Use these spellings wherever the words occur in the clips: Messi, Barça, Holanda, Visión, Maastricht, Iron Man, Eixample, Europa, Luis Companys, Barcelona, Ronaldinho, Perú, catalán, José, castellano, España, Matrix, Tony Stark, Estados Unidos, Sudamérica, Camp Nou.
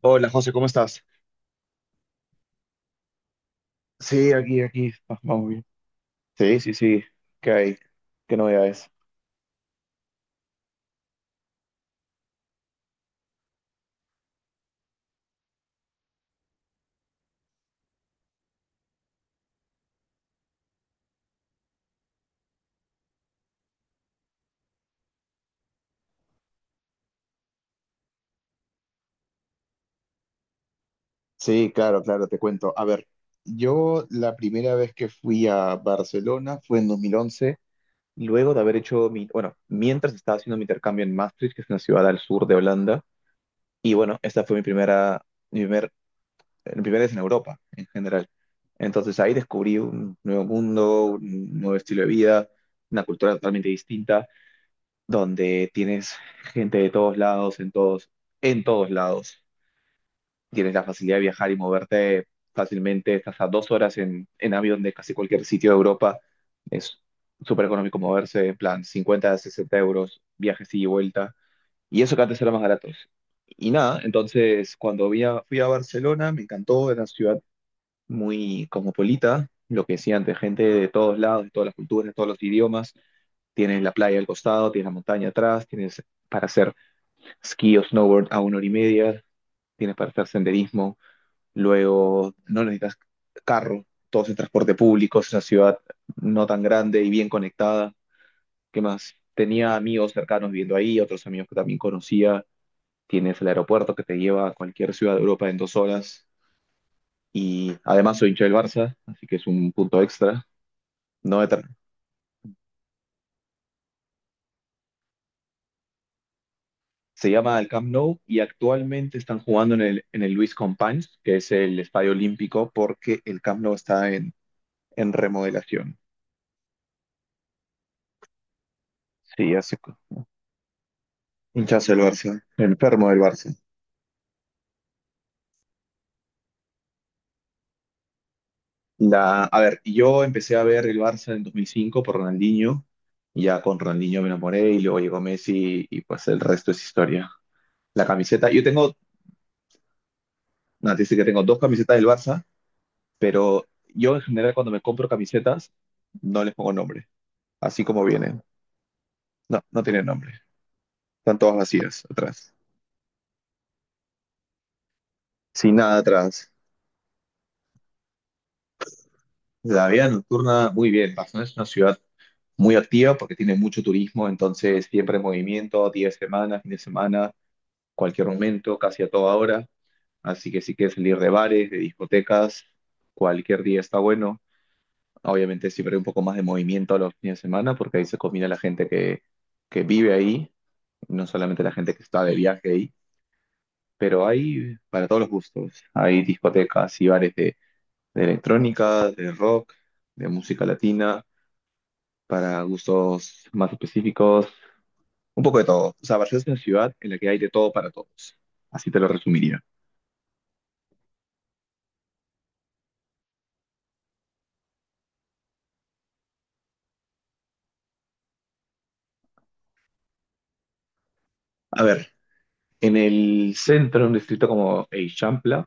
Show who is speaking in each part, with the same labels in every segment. Speaker 1: Hola José, ¿cómo estás? Sí, aquí, vamos bien. Sí, sí, sí, ¿qué hay? ¿Qué novedades? Sí, claro, te cuento. A ver, yo la primera vez que fui a Barcelona fue en 2011, luego de haber hecho mi, bueno, mientras estaba haciendo mi intercambio en Maastricht, que es una ciudad al sur de Holanda, y bueno, esta fue mi primera, mi primer, mi primera vez en Europa en general. Entonces ahí descubrí un nuevo mundo, un nuevo estilo de vida, una cultura totalmente distinta, donde tienes gente de todos lados, en todos lados. Tienes la facilidad de viajar y moverte fácilmente. Estás a dos horas en avión de casi cualquier sitio de Europa. Es súper económico moverse, en plan 50 a 60 euros, viajes ida y vuelta. Y eso que antes era más baratos. Y nada, entonces cuando fui a Barcelona me encantó, era una ciudad muy cosmopolita, lo que decía antes, gente de todos lados, de todas las culturas, de todos los idiomas. Tienes la playa al costado, tienes la montaña atrás, tienes para hacer ski o snowboard a una hora y media, tienes para hacer senderismo, luego no necesitas carro, todo es en transporte público, es una ciudad no tan grande y bien conectada. ¿Qué más? Tenía amigos cercanos viviendo ahí, otros amigos que también conocía. Tienes el aeropuerto que te lleva a cualquier ciudad de Europa en dos horas. Y además soy hincha del Barça, así que es un punto extra. No me tra- Se llama el Camp Nou y actualmente están jugando en el Luis Companys, que es el estadio olímpico, porque el Camp Nou está en remodelación. Sí, hace hinchazo del Barça, enfermo del Barça. La, a ver, yo empecé a ver el Barça en 2005 por Ronaldinho, y ya con Ronaldinho me enamoré y luego llegó Messi y pues el resto es historia. La camiseta, yo tengo, no, te dice que tengo dos camisetas del Barça, pero yo en general cuando me compro camisetas no les pongo nombre, así como vienen. No, no tienen nombre. Están todas vacías atrás, sin nada atrás. La vida nocturna, muy bien. Barcelona es una ciudad muy activa porque tiene mucho turismo, entonces siempre en movimiento, día de semana, fin de semana, cualquier momento, casi a toda hora. Así que si quieres salir de bares, de discotecas, cualquier día está bueno. Obviamente siempre hay un poco más de movimiento a los fines de semana porque ahí se combina la gente que vive ahí, no solamente la gente que está de viaje ahí, pero hay para todos los gustos. Hay discotecas y bares de electrónica, de rock, de música latina para gustos más específicos, un poco de todo. O sea, Barcelona es una ciudad en la que hay de todo para todos. Así te lo resumiría. A ver, en el centro, en un distrito como Eixample,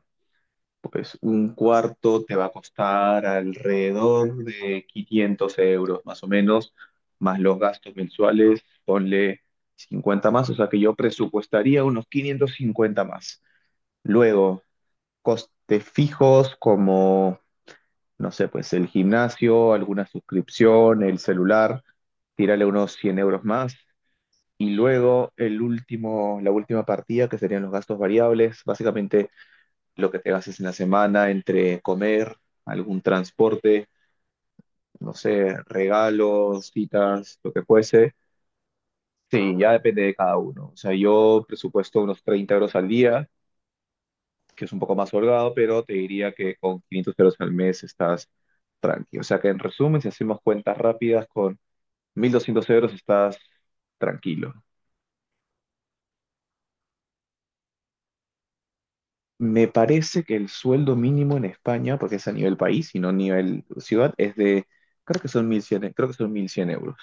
Speaker 1: pues un cuarto te va a costar alrededor de 500 € más o menos, más los gastos mensuales, ponle 50 más, o sea que yo presupuestaría unos 550 más. Luego, costes fijos como no sé, pues el gimnasio, alguna suscripción, el celular, tírale unos 100 € más. Y luego el último, la última partida, que serían los gastos variables, básicamente lo que te gastes en la semana entre comer, algún transporte, no sé, regalos, citas, lo que fuese. Sí, ya depende de cada uno. O sea, yo presupuesto unos 30 € al día, que es un poco más holgado, pero te diría que con 500 € al mes estás tranqui. O sea que en resumen, si hacemos cuentas rápidas con 1200 € estás tranquilo. Me parece que el sueldo mínimo en España, porque es a nivel país y no a nivel ciudad, es de, creo que son 1100, euros.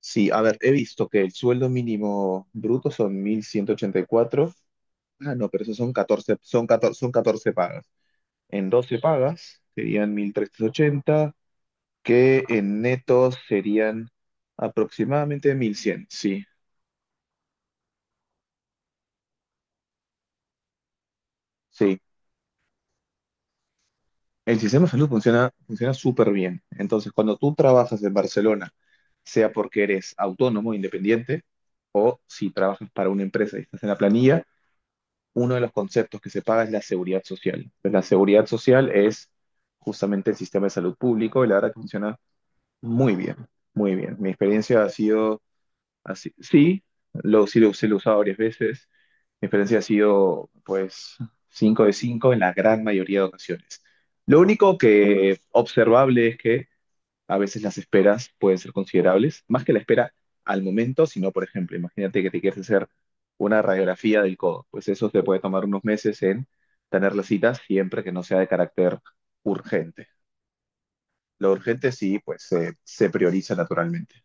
Speaker 1: Sí, a ver, he visto que el sueldo mínimo bruto son 1184. Ah, no, pero esos son 14, son 14 pagas. En 12 pagas serían 1380 que en netos serían aproximadamente 1100, sí. Sí. El sistema de salud funciona, funciona súper bien. Entonces, cuando tú trabajas en Barcelona, sea porque eres autónomo, independiente, o si trabajas para una empresa y estás en la planilla, uno de los conceptos que se paga es la seguridad social. Pues la seguridad social es justamente el sistema de salud público y la verdad que funciona muy bien, muy bien. Mi experiencia ha sido así, sí, sí lo he usado varias veces. Mi experiencia ha sido, pues, 5 de 5 en la gran mayoría de ocasiones. Lo único que observable es que a veces las esperas pueden ser considerables, más que la espera al momento, sino, por ejemplo, imagínate que te quieres hacer una radiografía del codo. Pues eso te puede tomar unos meses en tener la cita siempre que no sea de carácter urgente. Lo urgente sí, pues, se prioriza naturalmente.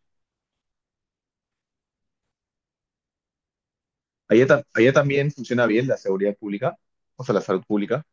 Speaker 1: Allá, allá también funciona bien la seguridad pública, o sea, la salud pública.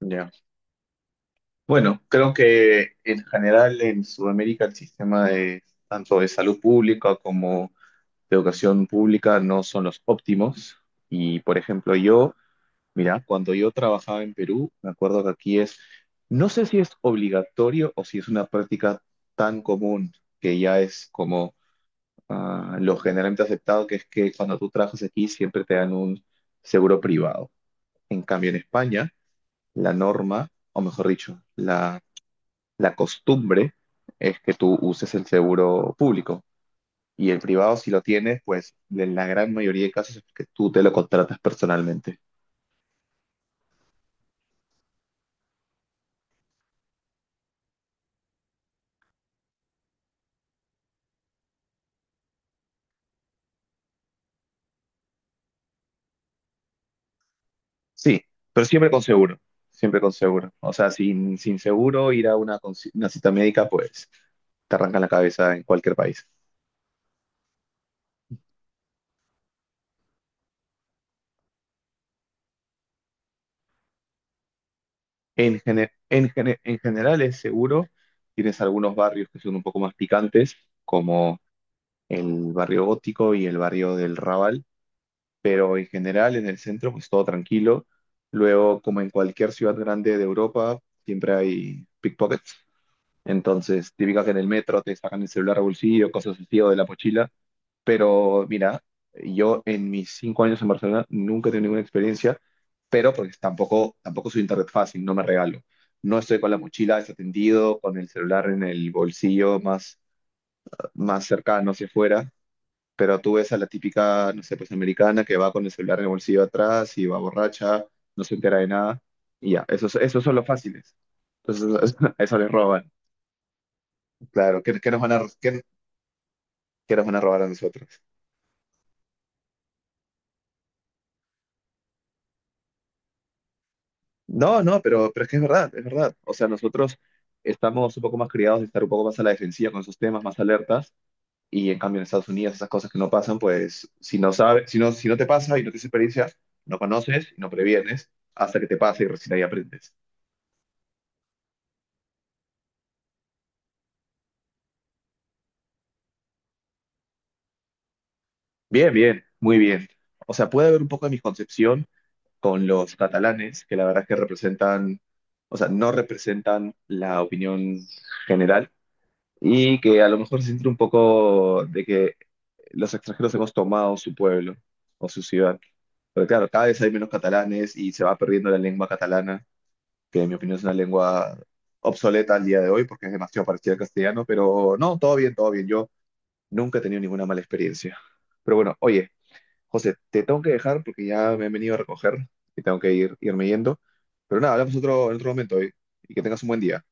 Speaker 1: Ya. Bueno, creo que en general en Sudamérica el sistema de, tanto de salud pública como de educación pública, no son los óptimos. Y por ejemplo, yo, mira, cuando yo trabajaba en Perú, me acuerdo que aquí es, no sé si es obligatorio o si es una práctica tan común que ya es como, ah, lo generalmente aceptado, que es que cuando tú trabajas aquí siempre te dan un seguro privado. En cambio, en España, la norma, o mejor dicho, la costumbre es que tú uses el seguro público. Y el privado, si lo tienes, pues en la gran mayoría de casos es que tú te lo contratas personalmente. Sí, pero siempre con seguro, siempre con seguro. O sea, sin seguro, ir a una, una cita médica, pues te arrancan la cabeza en cualquier país. En general es seguro. Tienes algunos barrios que son un poco más picantes, como el barrio gótico y el barrio del Raval, pero en general en el centro pues todo tranquilo. Luego, como en cualquier ciudad grande de Europa, siempre hay pickpockets. Entonces, típica que en el metro te sacan el celular al bolsillo, cosas así o de la mochila. Pero mira, yo en mis 5 años en Barcelona nunca he tenido ninguna experiencia, pero porque tampoco soy internet fácil, no me regalo. No estoy con la mochila desatendido, con el celular en el bolsillo más, más cercano hacia afuera. Pero tú ves a la típica, no sé, pues americana que va con el celular en el bolsillo atrás y va borracha, no se entera de nada, y ya, esos son los fáciles. Entonces, eso les roban. Claro, ¿ qué nos van a robar a nosotros? No, no, pero es que es verdad, es verdad. O sea, nosotros estamos un poco más criados de estar un poco más a la defensiva con esos temas, más alertas, y en cambio en Estados Unidos esas cosas que no pasan, pues si no sabes, si no te pasa y no tienes experiencia, no conoces y no previenes hasta que te pasa y recién ahí aprendes. Bien, bien, muy bien. O sea, puede haber un poco de misconcepción con los catalanes, que la verdad es que representan, o sea, no representan la opinión general y que a lo mejor se siente un poco de que los extranjeros hemos tomado su pueblo o su ciudad. Pero claro, cada vez hay menos catalanes y se va perdiendo la lengua catalana, que en mi opinión es una lengua obsoleta al día de hoy porque es demasiado parecida al castellano, pero no, todo bien, todo bien. Yo nunca he tenido ninguna mala experiencia. Pero bueno, oye. José, te tengo que dejar porque ya me han venido a recoger y tengo que ir, irme yendo. Pero nada, hablamos otro, en otro momento hoy y que tengas un buen día.